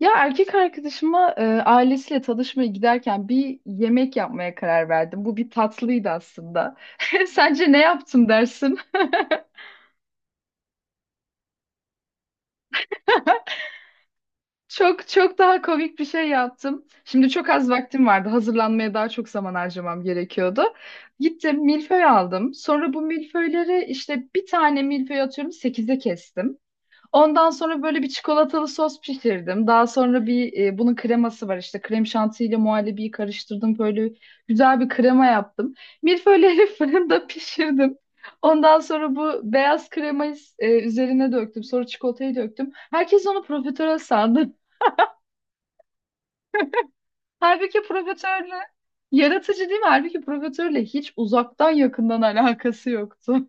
Ya erkek arkadaşıma ailesiyle tanışmaya giderken bir yemek yapmaya karar verdim. Bu bir tatlıydı aslında. Sence ne yaptım dersin? Çok çok daha komik bir şey yaptım. Şimdi çok az vaktim vardı. Hazırlanmaya daha çok zaman harcamam gerekiyordu. Gittim milföy aldım. Sonra bu milföyleri işte bir tane milföy atıyorum sekize kestim. Ondan sonra böyle bir çikolatalı sos pişirdim. Daha sonra bunun kreması var işte krem şantiyle muhallebiyi karıştırdım. Böyle güzel bir krema yaptım. Milföyleri fırında pişirdim. Ondan sonra bu beyaz kremayı üzerine döktüm. Sonra çikolatayı döktüm. Herkes onu profiterol sandı. Halbuki profiterole yaratıcı değil mi? Halbuki profiterole hiç uzaktan yakından alakası yoktu.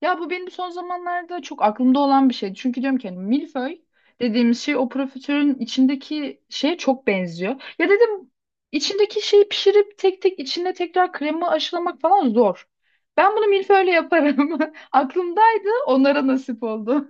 Ya bu benim son zamanlarda çok aklımda olan bir şeydi. Çünkü diyorum ki hani milföy dediğimiz şey o profiterolün içindeki şeye çok benziyor. Ya dedim içindeki şeyi pişirip tek tek içine tekrar kremi aşılamak falan zor. Ben bunu milföyle yaparım. Aklımdaydı, onlara nasip oldu.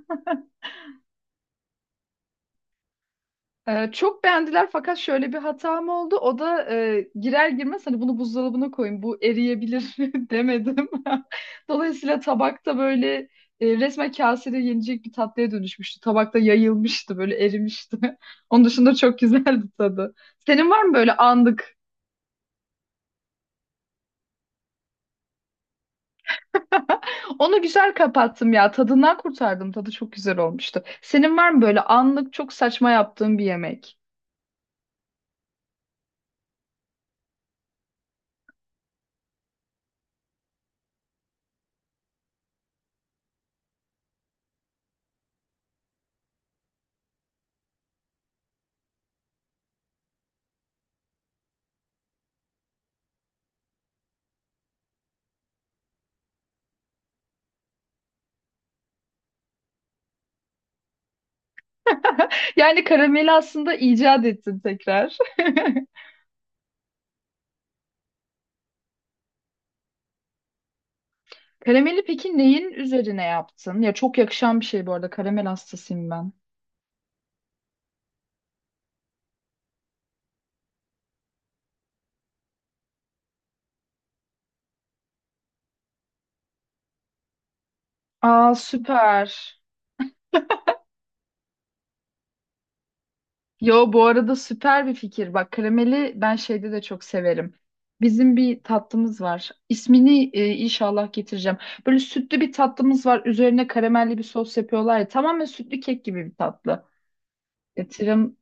Çok beğendiler fakat şöyle bir hatam oldu. O da girer girmez hani bunu buzdolabına koyun bu eriyebilir demedim. Dolayısıyla tabakta böyle resmen kasede yenecek bir tatlıya dönüşmüştü. Tabakta yayılmıştı böyle erimişti. Onun dışında çok güzeldi tadı. Senin var mı böyle anlık? Onu güzel kapattım ya tadından kurtardım tadı çok güzel olmuştu. Senin var mı böyle anlık çok saçma yaptığın bir yemek? Yani karameli aslında icat ettin tekrar. Karameli peki neyin üzerine yaptın? Ya çok yakışan bir şey bu arada. Karamel hastasıyım ben. Aa, süper. Yo, bu arada süper bir fikir. Bak, karameli ben şeyde de çok severim. Bizim bir tatlımız var. İsmini inşallah getireceğim. Böyle sütlü bir tatlımız var. Üzerine karamelli bir sos yapıyorlar ya. Tamamen sütlü kek gibi bir tatlı. Getirim.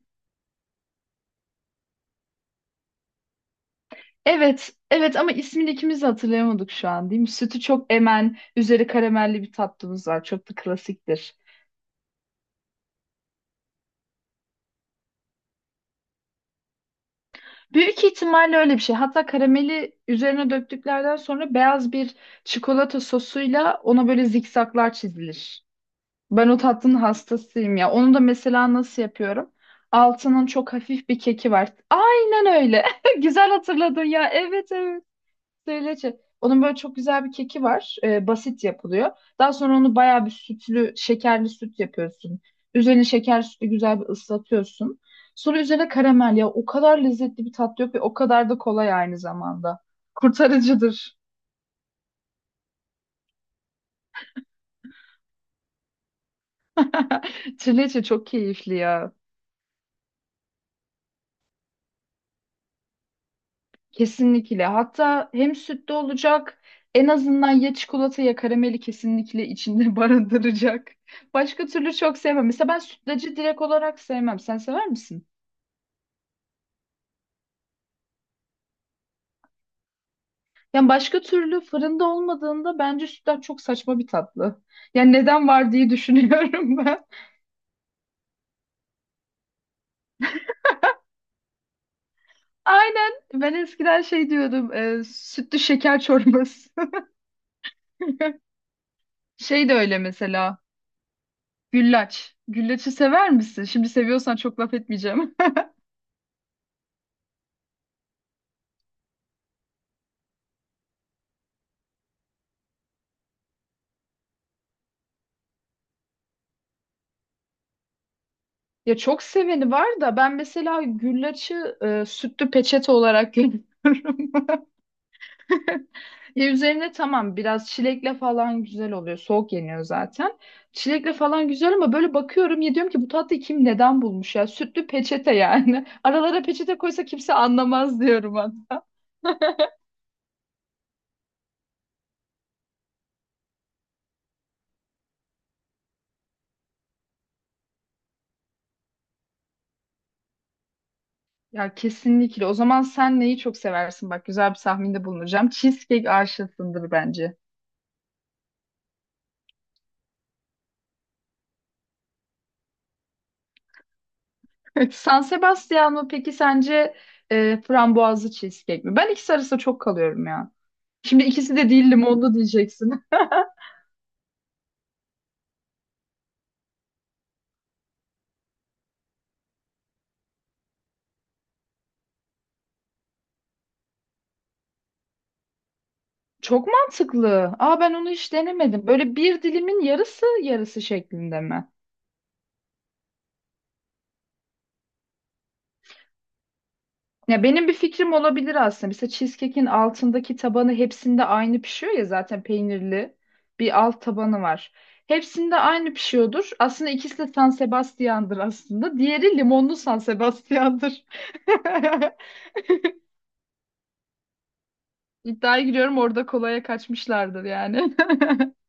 Evet, evet, ama ismini ikimiz de hatırlayamadık şu an değil mi? Sütü çok emen, üzeri karamelli bir tatlımız var. Çok da klasiktir. Büyük ihtimalle öyle bir şey. Hatta karameli üzerine döktüklerden sonra beyaz bir çikolata sosuyla ona böyle zikzaklar çizilir. Ben o tatlının hastasıyım ya. Onu da mesela nasıl yapıyorum? Altının çok hafif bir keki var. Aynen öyle. Güzel hatırladın ya. Evet, evet. Trileçe. Onun böyle çok güzel bir keki var. Basit yapılıyor. Daha sonra onu bayağı bir sütlü, şekerli süt yapıyorsun. Üzerine şeker sütü güzel bir ıslatıyorsun. Sonra üzerine karamel ya. O kadar lezzetli bir tat yok ve o kadar da kolay aynı zamanda. Kurtarıcıdır. Trileçe çok keyifli ya. Kesinlikle. Hatta hem sütlü olacak, en azından ya çikolata ya karameli kesinlikle içinde barındıracak. Başka türlü çok sevmem. Mesela ben sütlacı direkt olarak sevmem. Sen sever misin? Yani başka türlü fırında olmadığında bence sütlaç çok saçma bir tatlı. Yani neden var diye düşünüyorum ben. Aynen. Ben eskiden şey diyordum. Sütlü şeker çorbası. Şey de öyle mesela. Güllaç. Güllaçı sever misin? Şimdi seviyorsan çok laf etmeyeceğim. Ya çok seveni var da ben mesela güllaçı sütlü peçete olarak görüyorum. Ya üzerine tamam biraz çilekle falan güzel oluyor. Soğuk yeniyor zaten. Çilekle falan güzel ama böyle bakıyorum ya diyorum ki bu tatlıyı kim neden bulmuş ya? Sütlü peçete yani. Aralara peçete koysa kimse anlamaz diyorum hatta. Ya kesinlikle. O zaman sen neyi çok seversin? Bak, güzel bir tahminde bulunacağım. Cheesecake aşısındır bence. San Sebastian mı peki sence frambuazlı cheesecake mi? Ben ikisi arasında çok kalıyorum ya. Şimdi ikisi de değil, limonlu diyeceksin. Çok mantıklı. Aa, ben onu hiç denemedim. Böyle bir dilimin yarısı yarısı şeklinde mi? Ya benim bir fikrim olabilir aslında. Mesela cheesecake'in altındaki tabanı hepsinde aynı pişiyor ya zaten peynirli bir alt tabanı var. Hepsinde aynı pişiyordur. Aslında ikisi de San Sebastian'dır aslında. Diğeri limonlu San Sebastian'dır. İddiaya giriyorum orada kolaya kaçmışlardır yani.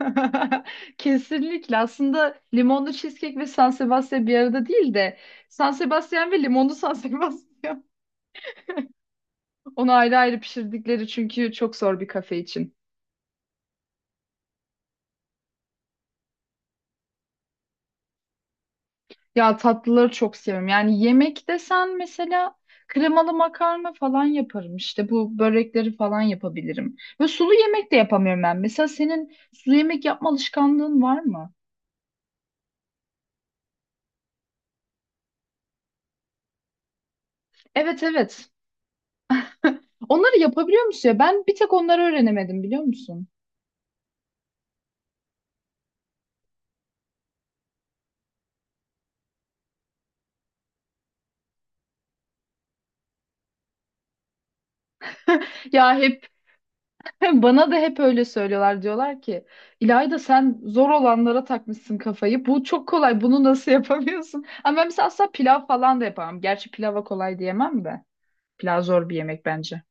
Kesinlikle. Aslında limonlu cheesecake ve San Sebastian bir arada değil de San Sebastian ve limonlu San Sebastian. Onu ayrı ayrı pişirdikleri çünkü çok zor bir kafe için. Ya tatlıları çok seviyorum. Yani yemek desen mesela kremalı makarna falan yaparım. İşte bu börekleri falan yapabilirim. Ve sulu yemek de yapamıyorum ben. Mesela senin sulu yemek yapma alışkanlığın var mı? Evet, evet. Onları yapabiliyor musun ya? Ben bir tek onları öğrenemedim, biliyor musun? Ya hep Hem Bana da hep öyle söylüyorlar. Diyorlar ki İlayda, sen zor olanlara takmışsın kafayı. Bu çok kolay. Bunu nasıl yapamıyorsun? Ama ben mesela asla pilav falan da yapamam. Gerçi pilava kolay diyemem de. Pilav zor bir yemek bence.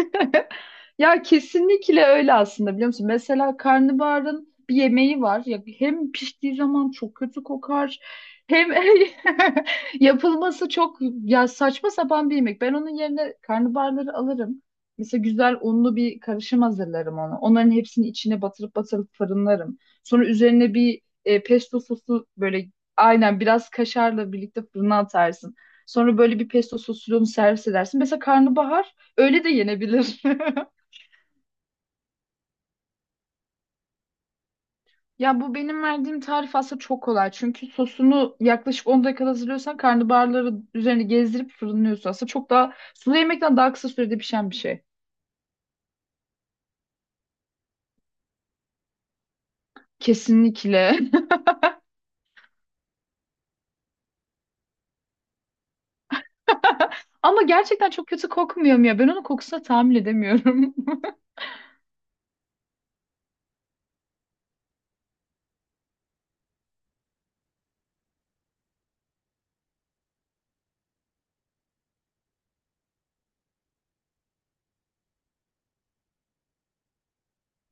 Ya kesinlikle öyle aslında, biliyor musun? Mesela karnabaharın bir yemeği var. Ya hem piştiği zaman çok kötü kokar. Hem yapılması çok ya saçma sapan bir yemek. Ben onun yerine karnabaharları alırım. Mesela güzel unlu bir karışım hazırlarım onu. Onların hepsini içine batırıp batırıp fırınlarım. Sonra üzerine bir pesto sosu böyle aynen biraz kaşarla birlikte fırına atarsın. Sonra böyle bir pesto sosunu servis edersin. Mesela karnabahar öyle de yenebilir. Ya bu benim verdiğim tarif aslında çok kolay. Çünkü sosunu yaklaşık 10 dakikada hazırlıyorsan karnabaharları üzerine gezdirip fırınlıyorsun. Aslında çok daha sulu yemekten daha kısa sürede pişen bir şey. Kesinlikle. Ama gerçekten çok kötü kokmuyor mu ya? Ben onun kokusuna tahammül edemiyorum.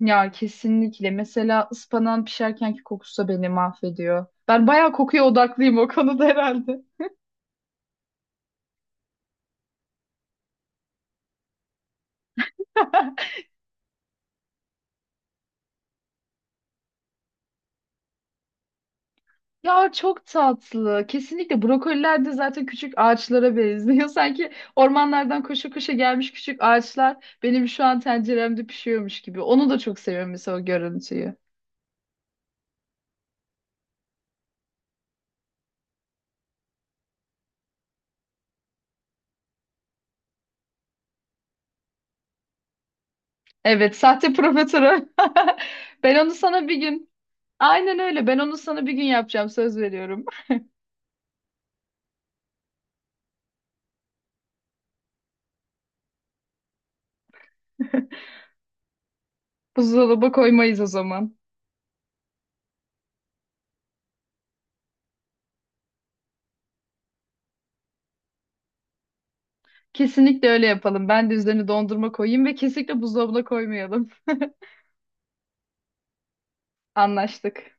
Ya kesinlikle. Mesela ıspanağın pişerkenki kokusu da beni mahvediyor. Ben bayağı kokuya odaklıyım o konuda herhalde. Ya çok tatlı. Kesinlikle brokoliler de zaten küçük ağaçlara benziyor. Sanki ormanlardan koşa koşa gelmiş küçük ağaçlar benim şu an tenceremde pişiyormuş gibi. Onu da çok seviyorum mesela o görüntüyü. Evet, sahte profiterol. Ben onu sana bir gün, aynen öyle. Ben onu sana bir gün yapacağım, söz veriyorum. Buzdolabı koymayız o zaman. Kesinlikle öyle yapalım. Ben de üzerine dondurma koyayım ve kesinlikle buzdolabına koymayalım. Anlaştık.